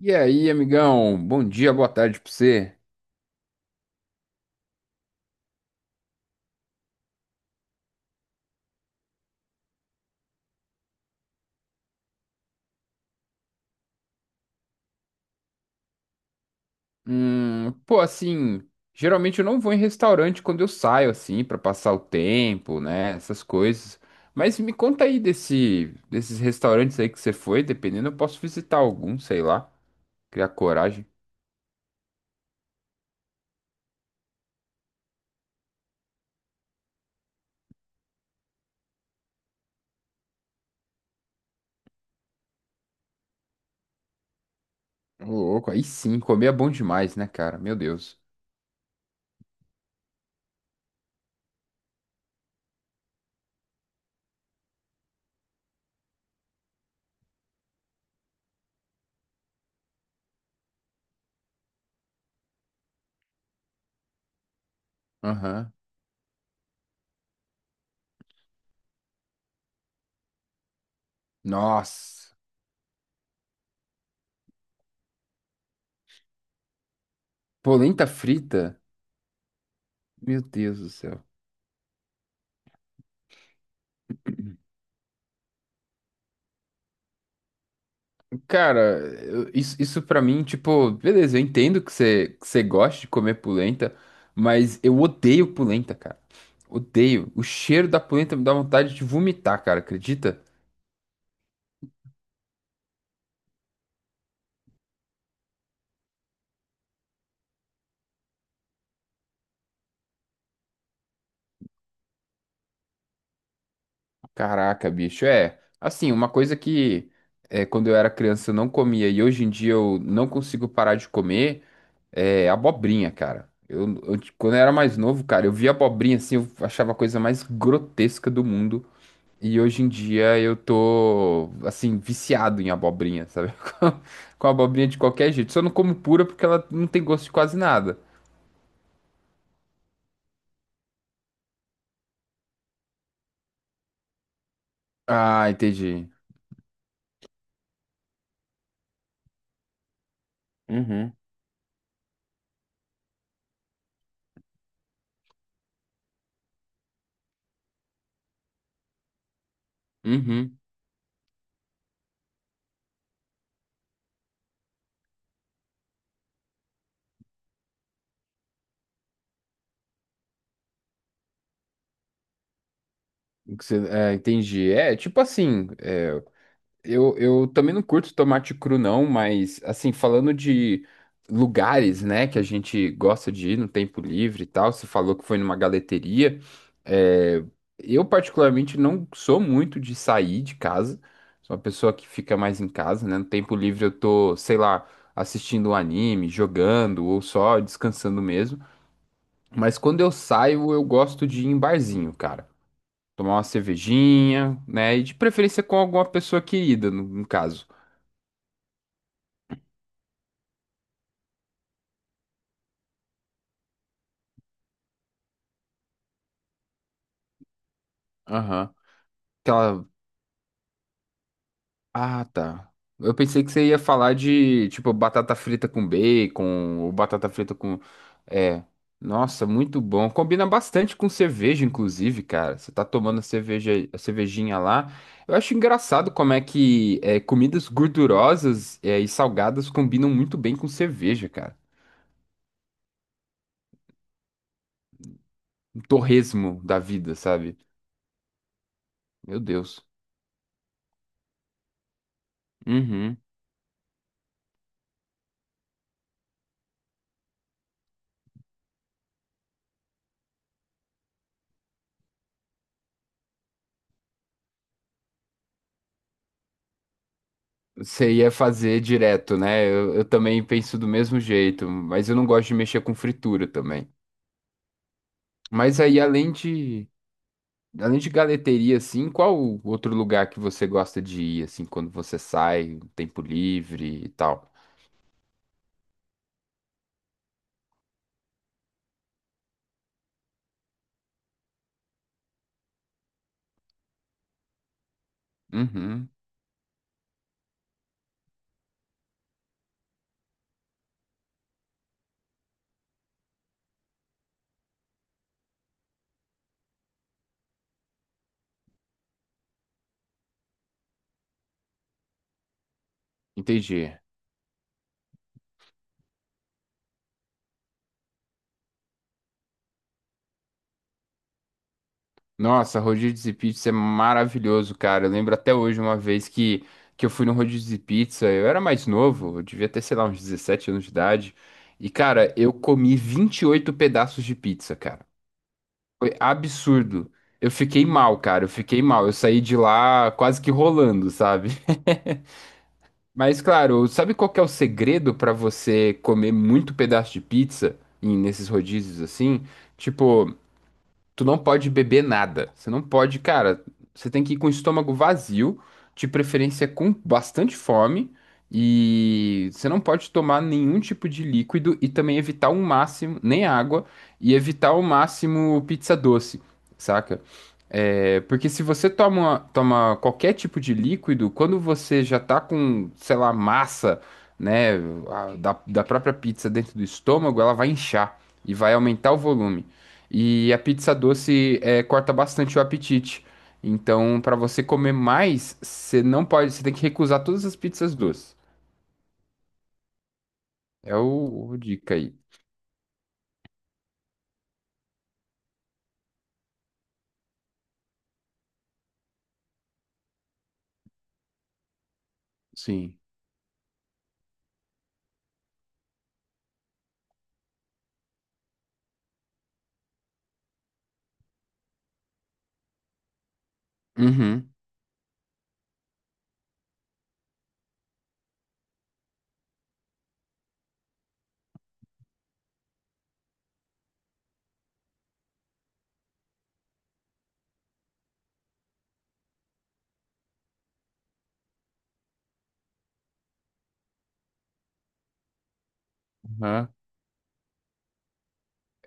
E aí, amigão? Bom dia, boa tarde pra você. Assim, geralmente eu não vou em restaurante quando eu saio, assim, pra passar o tempo, né? Essas coisas. Mas me conta aí desses restaurantes aí que você foi, dependendo, eu posso visitar algum, sei lá, criar coragem. Ô, louco, aí sim, comer é bom demais, né, cara? Meu Deus. Aham. Nossa, polenta frita? Meu Deus do céu. Cara, isso pra mim, tipo, beleza, eu entendo que que você gosta de comer polenta, mas eu odeio polenta, cara. Odeio. O cheiro da polenta me dá vontade de vomitar, cara, acredita? Caraca, bicho, é. Assim, uma coisa que é, quando eu era criança eu não comia e hoje em dia eu não consigo parar de comer é abobrinha, cara. Quando eu era mais novo, cara, eu via abobrinha assim, eu achava a coisa mais grotesca do mundo. E hoje em dia eu tô, assim, viciado em abobrinha, sabe? Com com abobrinha de qualquer jeito. Só não como pura porque ela não tem gosto de quase nada. Ah, entendi. Uhum. Uhum. O que é, entendi. É, tipo assim, eu também não curto tomate cru, não, mas assim, falando de lugares, né, que a gente gosta de ir no tempo livre e tal, você falou que foi numa galeteria. É, eu, particularmente, não sou muito de sair de casa, sou uma pessoa que fica mais em casa, né? No tempo livre eu tô, sei lá, assistindo um anime, jogando ou só descansando mesmo. Mas quando eu saio, eu gosto de ir em barzinho, cara. Tomar uma cervejinha, né? E de preferência com alguma pessoa querida, no caso. Aham. Aquela. Ah, tá. Eu pensei que você ia falar de, tipo, batata frita com bacon, ou batata frita com. É. Nossa, muito bom. Combina bastante com cerveja, inclusive, cara. Você tá tomando a cerveja, a cervejinha lá. Eu acho engraçado como é que é, comidas gordurosas é, e salgadas combinam muito bem com cerveja, cara. Um torresmo da vida, sabe? Meu Deus. Uhum. Você ia fazer direto, né? Eu também penso do mesmo jeito, mas eu não gosto de mexer com fritura também. Mas aí, além de galeteria, assim, qual o outro lugar que você gosta de ir, assim, quando você sai, um tempo livre e tal? Uhum, entendi. Nossa, rodízio de pizza é maravilhoso, cara. Eu lembro até hoje uma vez que eu fui no rodízio de pizza, eu era mais novo, eu devia ter, sei lá, uns 17 anos de idade. E, cara, eu comi 28 pedaços de pizza, cara. Foi absurdo. Eu fiquei mal, cara. Eu fiquei mal. Eu saí de lá quase que rolando, sabe? Mas claro, sabe qual que é o segredo pra você comer muito pedaço de pizza em nesses rodízios assim? Tipo, tu não pode beber nada. Você não pode, cara. Você tem que ir com o estômago vazio, de preferência com bastante fome, e você não pode tomar nenhum tipo de líquido e também evitar o máximo, nem água, e evitar o máximo pizza doce, saca? É, porque se você toma qualquer tipo de líquido, quando você já tá com, sei lá, massa, né, da própria pizza dentro do estômago, ela vai inchar e vai aumentar o volume. E a pizza doce é, corta bastante o apetite. Então, para você comer mais, você não pode, você tem que recusar todas as pizzas doces. É o dica aí. Sim. Uhum. Aham.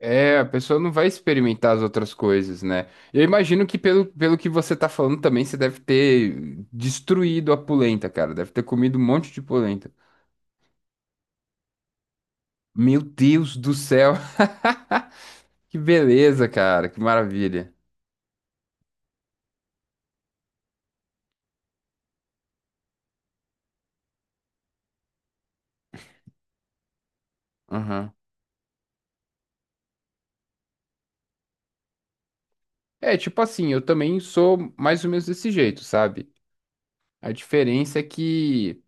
É, a pessoa não vai experimentar as outras coisas, né? Eu imagino que pelo que você tá falando também, você deve ter destruído a polenta, cara. Deve ter comido um monte de polenta. Meu Deus do céu! Que beleza, cara. Que maravilha. Aham. É, tipo assim, eu também sou mais ou menos desse jeito, sabe? A diferença é que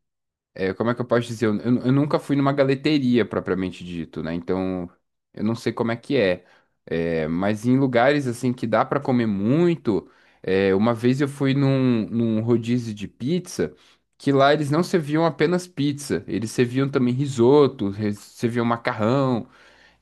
é, como é que eu posso dizer? Eu nunca fui numa galeteria propriamente dito, né? Então, eu não sei como é que é. É, mas em lugares assim que dá pra comer muito, é, uma vez eu fui num rodízio de pizza, que lá eles não serviam apenas pizza, eles serviam também risoto, serviam macarrão.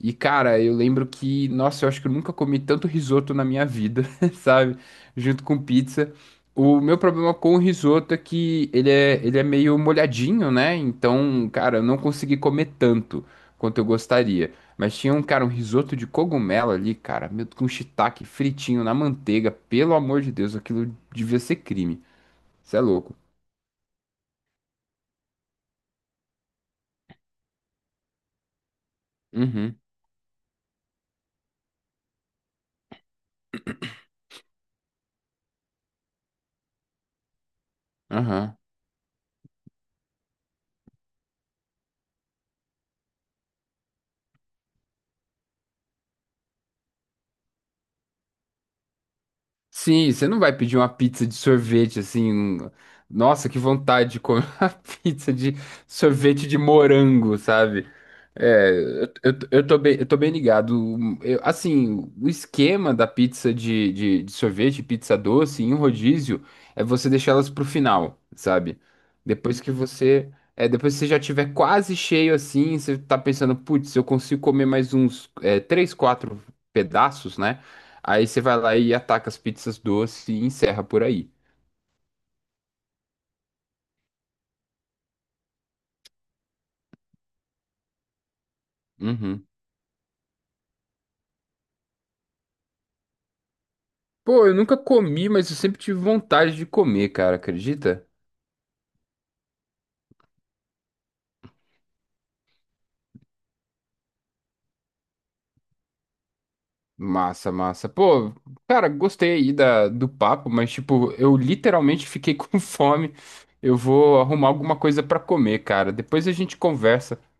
E, cara, eu lembro que, nossa, eu acho que eu nunca comi tanto risoto na minha vida, sabe? Junto com pizza. O meu problema com o risoto é que ele é meio molhadinho, né? Então, cara, eu não consegui comer tanto quanto eu gostaria. Mas tinha um, cara, um risoto de cogumelo ali, cara, meu, com shiitake fritinho na manteiga. Pelo amor de Deus, aquilo devia ser crime. Você é louco. Uhum, aham. Sim, você não vai pedir uma pizza de sorvete assim. Um- Nossa, que vontade de comer uma pizza de sorvete de morango, sabe? É, eu tô eu tô bem ligado. Assim, o esquema da pizza de sorvete, pizza doce em um rodízio é você deixar elas pro final, sabe? Depois que você. É, depois que você já tiver quase cheio assim, você tá pensando, putz, eu consigo comer mais uns, é, três, quatro pedaços, né? Aí você vai lá e ataca as pizzas doces e encerra por aí. Uhum. Pô, eu nunca comi, mas eu sempre tive vontade de comer, cara, acredita? Massa, massa. Pô, cara, gostei aí do papo, mas tipo, eu literalmente fiquei com fome. Eu vou arrumar alguma coisa pra comer, cara. Depois a gente conversa.